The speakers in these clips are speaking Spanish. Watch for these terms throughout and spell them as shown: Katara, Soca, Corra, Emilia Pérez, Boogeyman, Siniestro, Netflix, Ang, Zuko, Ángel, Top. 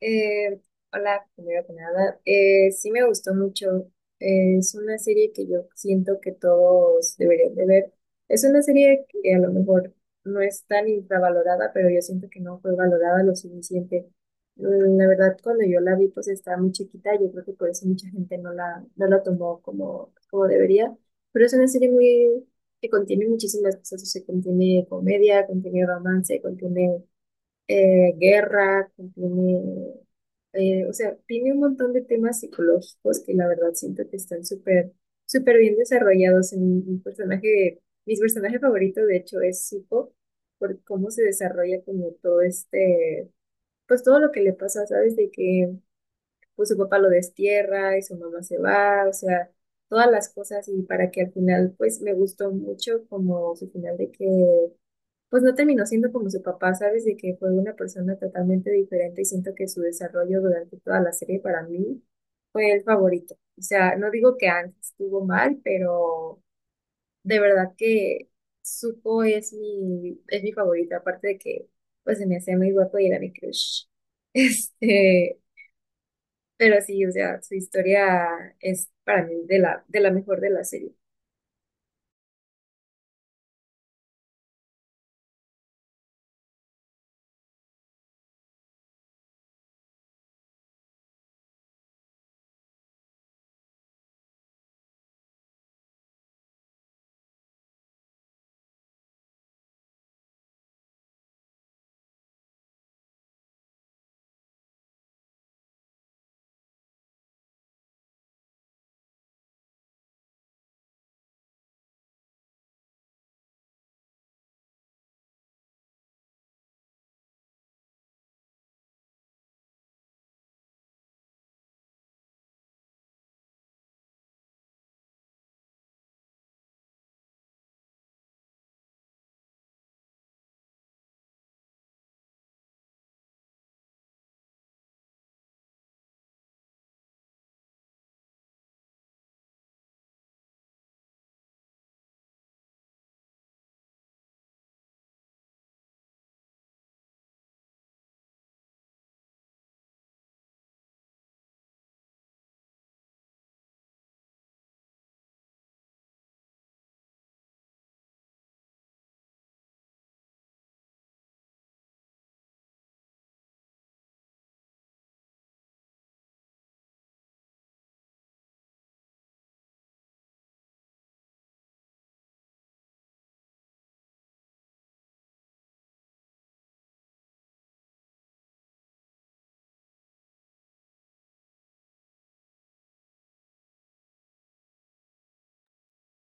Eh, Hola, primero que nada. Sí me gustó mucho. Es una serie que yo siento que todos deberían de ver. Es una serie que a lo mejor no es tan infravalorada, pero yo siento que no fue valorada lo suficiente. La verdad, cuando yo la vi, pues estaba muy chiquita. Yo creo que por eso mucha gente no la tomó como debería. Pero es una serie muy, que contiene muchísimas cosas. O sea, contiene comedia, contiene romance, contiene guerra, o sea, tiene un montón de temas psicológicos que la verdad siento que están súper bien desarrollados en un personaje, mis personajes favoritos de hecho es Zuko, por cómo se desarrolla como todo este, pues todo lo que le pasa, ¿sabes? De que pues su papá lo destierra y su mamá se va, o sea, todas las cosas y para que al final pues me gustó mucho como su final de que pues no terminó siendo como su papá, ¿sabes? De que fue una persona totalmente diferente y siento que su desarrollo durante toda la serie para mí fue el favorito. O sea, no digo que antes estuvo mal, pero de verdad que Zuko es mi favorito, aparte de que pues se me hacía muy guapo y era mi crush. Este, pero sí, o sea, su historia es para mí de la mejor de la serie.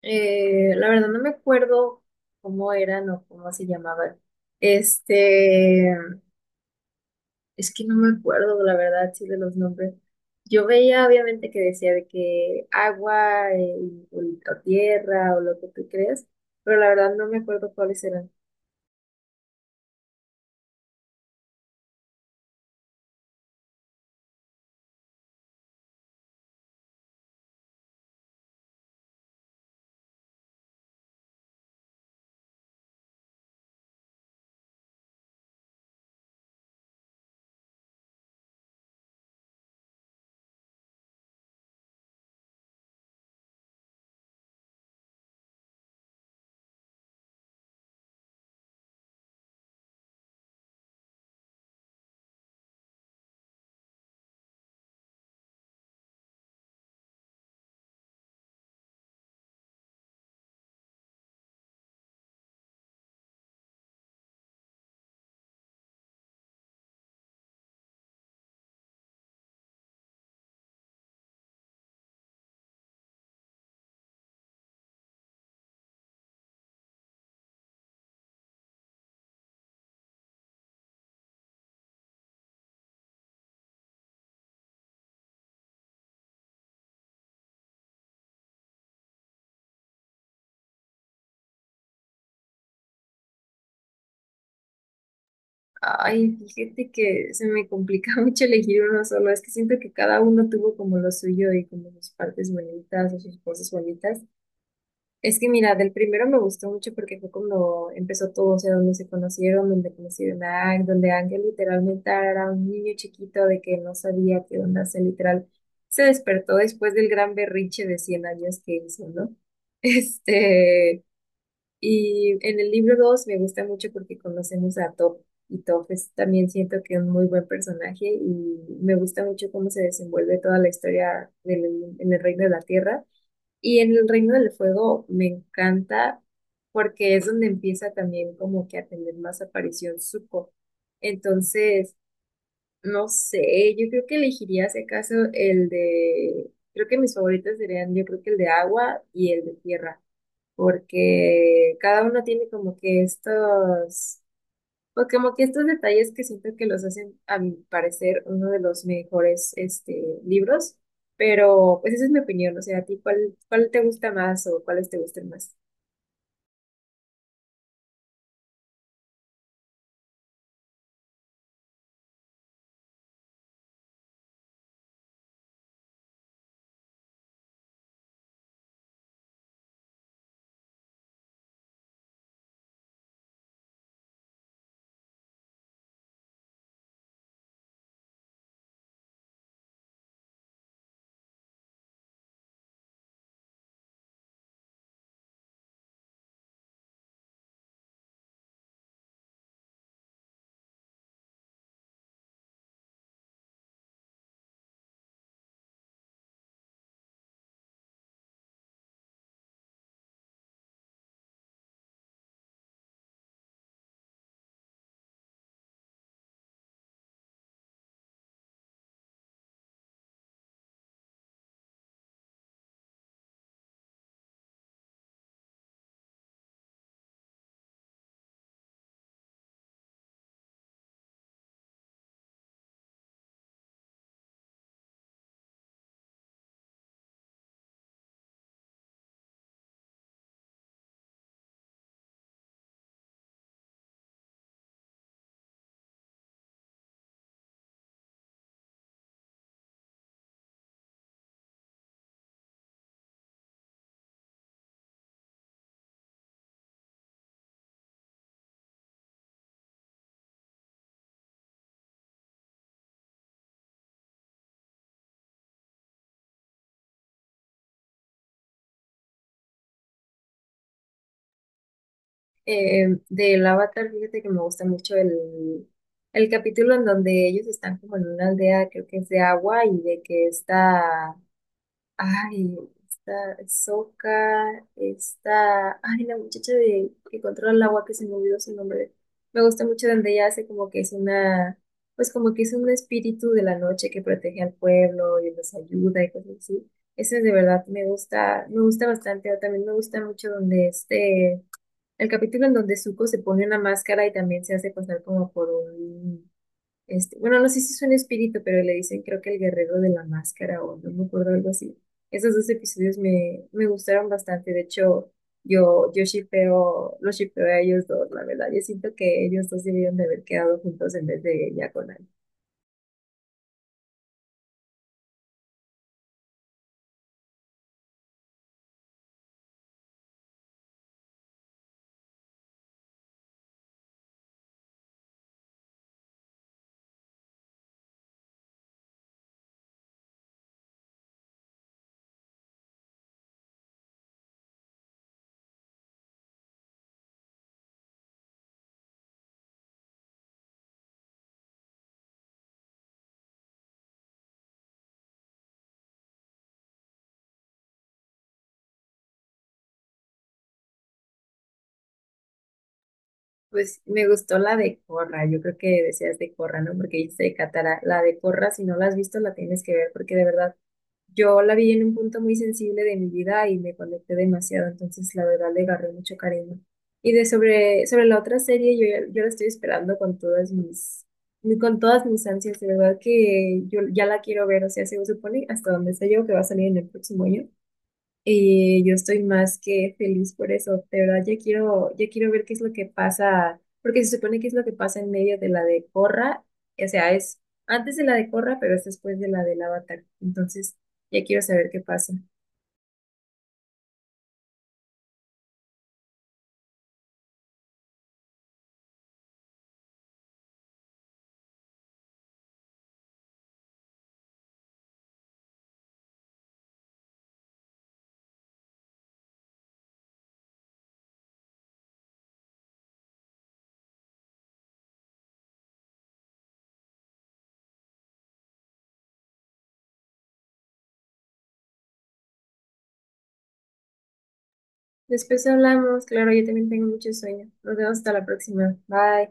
La verdad no me acuerdo cómo eran o cómo se llamaban. Este, es que no me acuerdo, la verdad, sí, de los nombres. Yo veía, obviamente, que decía de que agua o tierra o lo que tú creas, pero la verdad no me acuerdo cuáles eran. Ay, fíjate que se me complica mucho elegir uno solo. Es que siento que cada uno tuvo como lo suyo y como sus partes bonitas o sus cosas bonitas. Es que mira, del primero me gustó mucho porque fue cuando empezó todo, o sea, donde se conocieron, donde conocieron a Ang, donde Ángel literalmente era un niño chiquito de que no sabía qué onda, se despertó después del gran berrinche de 100 años que hizo, ¿no? Este, y en el libro 2 me gusta mucho porque conocemos a Top, y Top es también siento que es un muy buen personaje y me gusta mucho cómo se desenvuelve toda la historia en el Reino de la Tierra y en el Reino del Fuego me encanta porque es donde empieza también como que a tener más aparición Zuko. Entonces, no sé, yo creo que elegiría si acaso el de, creo que mis favoritos serían yo creo que el de agua y el de tierra, porque cada uno tiene como que estos pues como que estos detalles que siento que los hacen, a mi parecer, uno de los mejores libros, pero pues esa es mi opinión, o sea, ¿a ti cuál te gusta más o cuáles te gustan más? Del Avatar, fíjate que me gusta mucho el capítulo en donde ellos están como en una aldea, creo que es de agua, y de que está Ay, está Soca, está ay, la muchacha de que controla el agua que se me olvidó su nombre. Me gusta mucho donde ella hace como que es una, pues como que es un espíritu de la noche que protege al pueblo y los ayuda y cosas así. Eso es de verdad, me gusta bastante. O también me gusta mucho donde el capítulo en donde Zuko se pone una máscara y también se hace pasar como por un bueno, no sé si es un espíritu, pero le dicen creo que el guerrero de la máscara o no me acuerdo algo así. Esos dos episodios me gustaron bastante. De hecho, yo shippeo, los shippeo a ellos dos, la verdad. Yo siento que ellos dos debieron de haber quedado juntos en vez de ella con él. Pues me gustó la de Corra, yo creo que deseas de Corra, ¿no? Porque dice Katara, la de Corra, si no la has visto, la tienes que ver, porque de verdad yo la vi en un punto muy sensible de mi vida y me conecté demasiado, entonces la verdad le agarré mucho cariño. Y sobre la otra serie, yo la estoy esperando con todas con todas mis ansias, de verdad que yo ya la quiero ver, o sea, se supone hasta donde sé yo que va a salir en el próximo año. Y yo estoy más que feliz por eso. De verdad, ya quiero ver qué es lo que pasa, porque se supone que es lo que pasa en medio de la de Corra. O sea, es antes de la de Corra, pero es después de la del Avatar. Entonces, ya quiero saber qué pasa. Después hablamos, claro, yo también tengo mucho sueño. Nos vemos hasta la próxima. Bye.